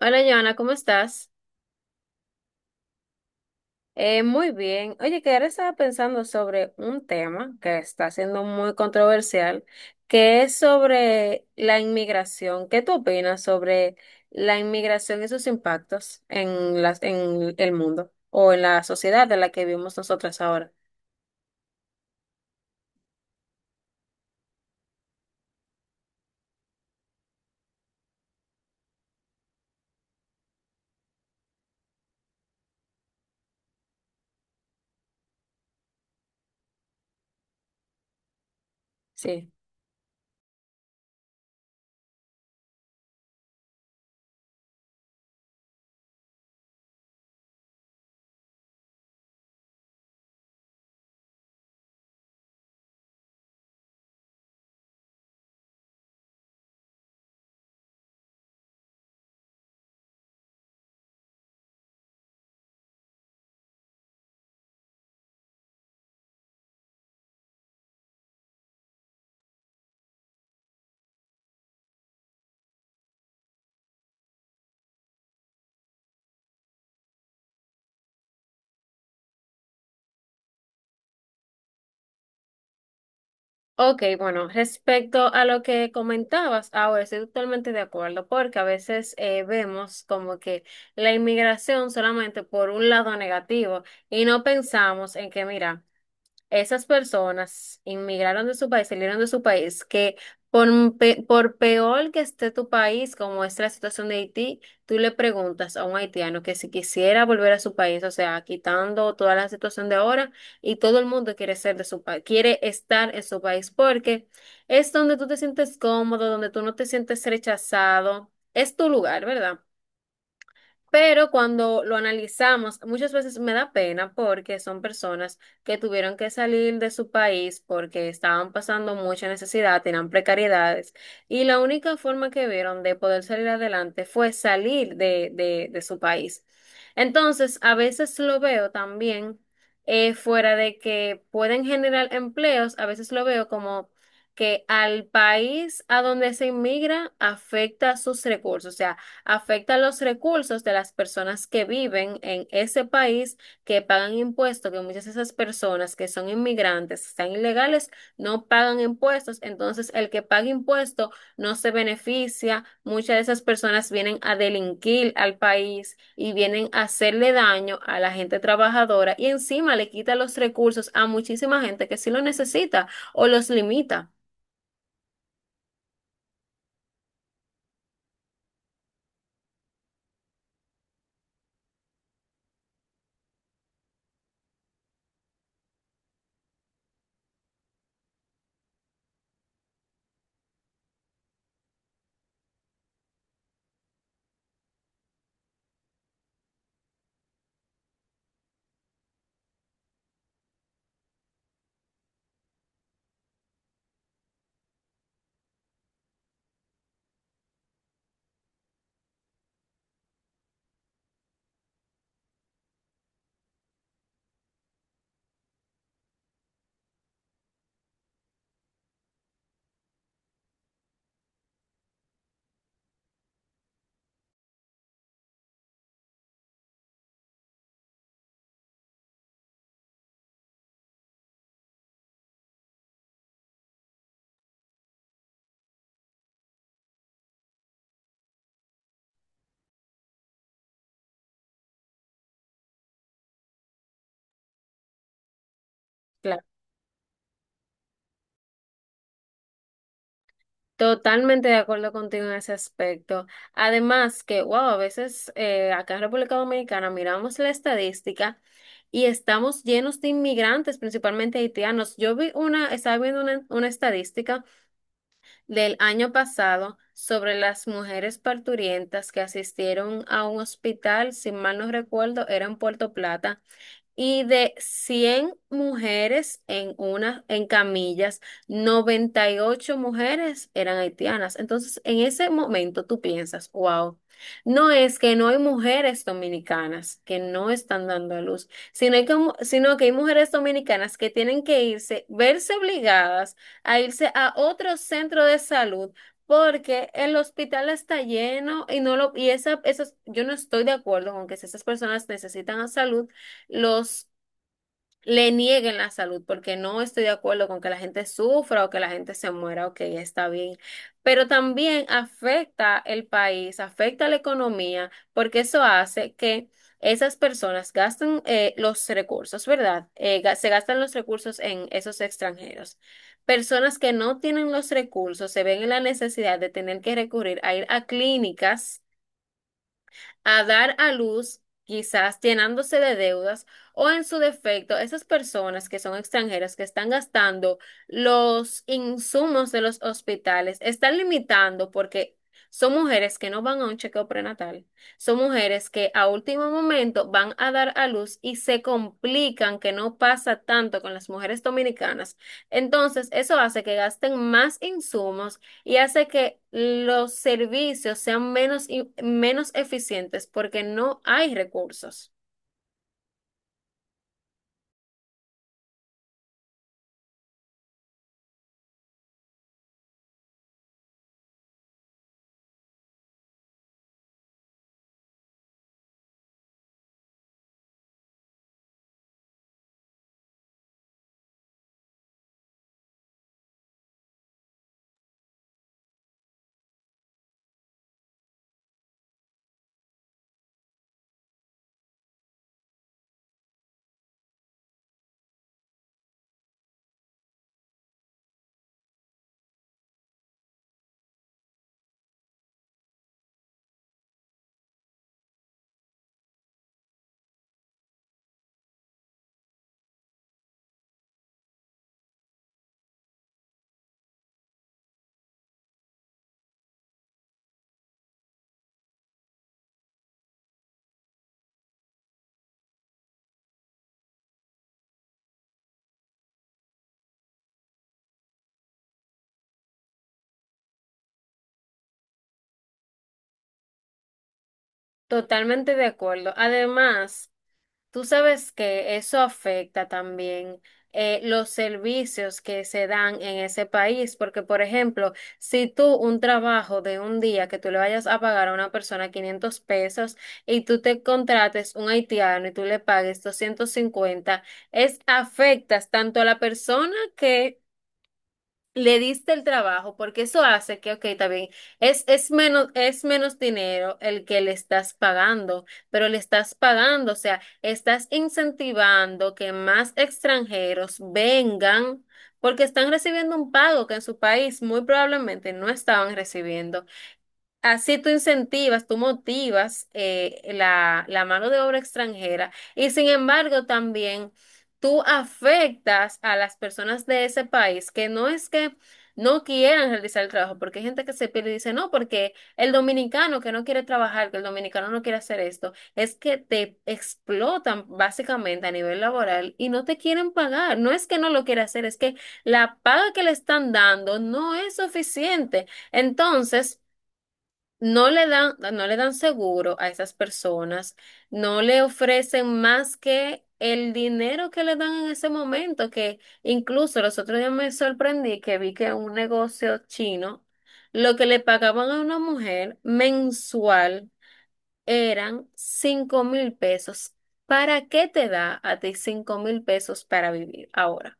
Hola, Joana, ¿cómo estás? Muy bien. Oye, que ahora estaba pensando sobre un tema que está siendo muy controversial, que es sobre la inmigración. ¿Qué tú opinas sobre la inmigración y sus impactos en en el mundo o en la sociedad de la que vivimos nosotras ahora? Sí. Ok, bueno, respecto a lo que comentabas, ahora estoy totalmente de acuerdo, porque a veces vemos como que la inmigración solamente por un lado negativo y no pensamos en que, mira, esas personas inmigraron de su país, salieron de su país, que por, por peor que esté tu país, como es la situación de Haití, tú le preguntas a un haitiano que si quisiera volver a su país, o sea, quitando toda la situación de ahora, y todo el mundo quiere ser de su país, quiere estar en su país, porque es donde tú te sientes cómodo, donde tú no te sientes rechazado, es tu lugar, ¿verdad? Pero cuando lo analizamos, muchas veces me da pena porque son personas que tuvieron que salir de su país porque estaban pasando mucha necesidad, tenían precariedades, y la única forma que vieron de poder salir adelante fue salir de su país. Entonces, a veces lo veo también fuera de que pueden generar empleos, a veces lo veo como que al país a donde se inmigra afecta sus recursos, o sea, afecta los recursos de las personas que viven en ese país, que pagan impuestos, que muchas de esas personas que son inmigrantes, están ilegales, no pagan impuestos, entonces el que paga impuestos no se beneficia, muchas de esas personas vienen a delinquir al país y vienen a hacerle daño a la gente trabajadora y encima le quita los recursos a muchísima gente que sí lo necesita o los limita. Totalmente de acuerdo contigo en ese aspecto. Además que, wow, a veces acá en República Dominicana miramos la estadística y estamos llenos de inmigrantes, principalmente haitianos. Yo estaba viendo una estadística del año pasado sobre las mujeres parturientas que asistieron a un hospital, si mal no recuerdo, era en Puerto Plata y de 100 mujeres en camillas, 98 mujeres eran haitianas. Entonces, en ese momento tú piensas, wow, no es que no hay mujeres dominicanas que no están dando a luz, sino que hay mujeres dominicanas que tienen que irse, verse obligadas a irse a otro centro de salud. Porque el hospital está lleno y no lo, y esa, esas, yo no estoy de acuerdo con que si esas personas necesitan a salud, los le nieguen la salud, porque no estoy de acuerdo con que la gente sufra o que la gente se muera, ok, está bien, pero también afecta el país, afecta la economía, porque eso hace que esas personas gasten los recursos, ¿verdad? Se gastan los recursos en esos extranjeros. Personas que no tienen los recursos se ven en la necesidad de tener que recurrir a ir a clínicas a dar a luz, quizás llenándose de deudas, o en su defecto, esas personas que son extranjeras, que están gastando los insumos de los hospitales, están limitando porque son mujeres que no van a un chequeo prenatal, son mujeres que a último momento van a dar a luz y se complican, que no pasa tanto con las mujeres dominicanas. Entonces, eso hace que gasten más insumos y hace que los servicios sean menos eficientes porque no hay recursos. Totalmente de acuerdo. Además, tú sabes que eso afecta también los servicios que se dan en ese país, porque, por ejemplo, si tú un trabajo de un día que tú le vayas a pagar a una persona 500 pesos y tú te contrates un haitiano y tú le pagues 250 es afectas tanto a la persona que le diste el trabajo, porque eso hace que, ok, está bien, es menos dinero el que le estás pagando, pero le estás pagando, o sea, estás incentivando que más extranjeros vengan porque están recibiendo un pago que en su país muy probablemente no estaban recibiendo. Así tú incentivas, tú motivas la mano de obra extranjera y sin embargo también tú afectas a las personas de ese país que no es que no quieran realizar el trabajo, porque hay gente que se pierde y dice, no, porque el dominicano que no quiere trabajar, que el dominicano no quiere hacer esto, es que te explotan básicamente a nivel laboral y no te quieren pagar. No es que no lo quiera hacer, es que la paga que le están dando no es suficiente. Entonces... No le dan seguro a esas personas, no le ofrecen más que el dinero que le dan en ese momento, que incluso los otros días me sorprendí que vi que un negocio chino, lo que le pagaban a una mujer mensual eran 5000 pesos. ¿Para qué te da a ti 5000 pesos para vivir ahora?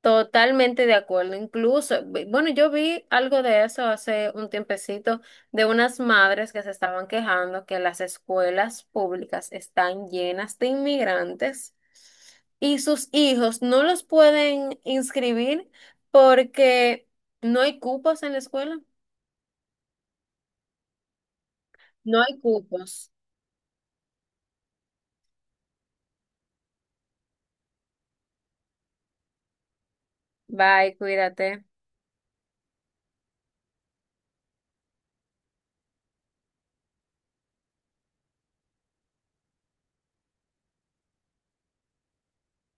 Totalmente de acuerdo. Incluso, bueno, yo vi algo de eso hace un tiempecito de unas madres que se estaban quejando que las escuelas públicas están llenas de inmigrantes y sus hijos no los pueden inscribir porque no hay cupos en la escuela. No hay cupos. Bye, cuídate.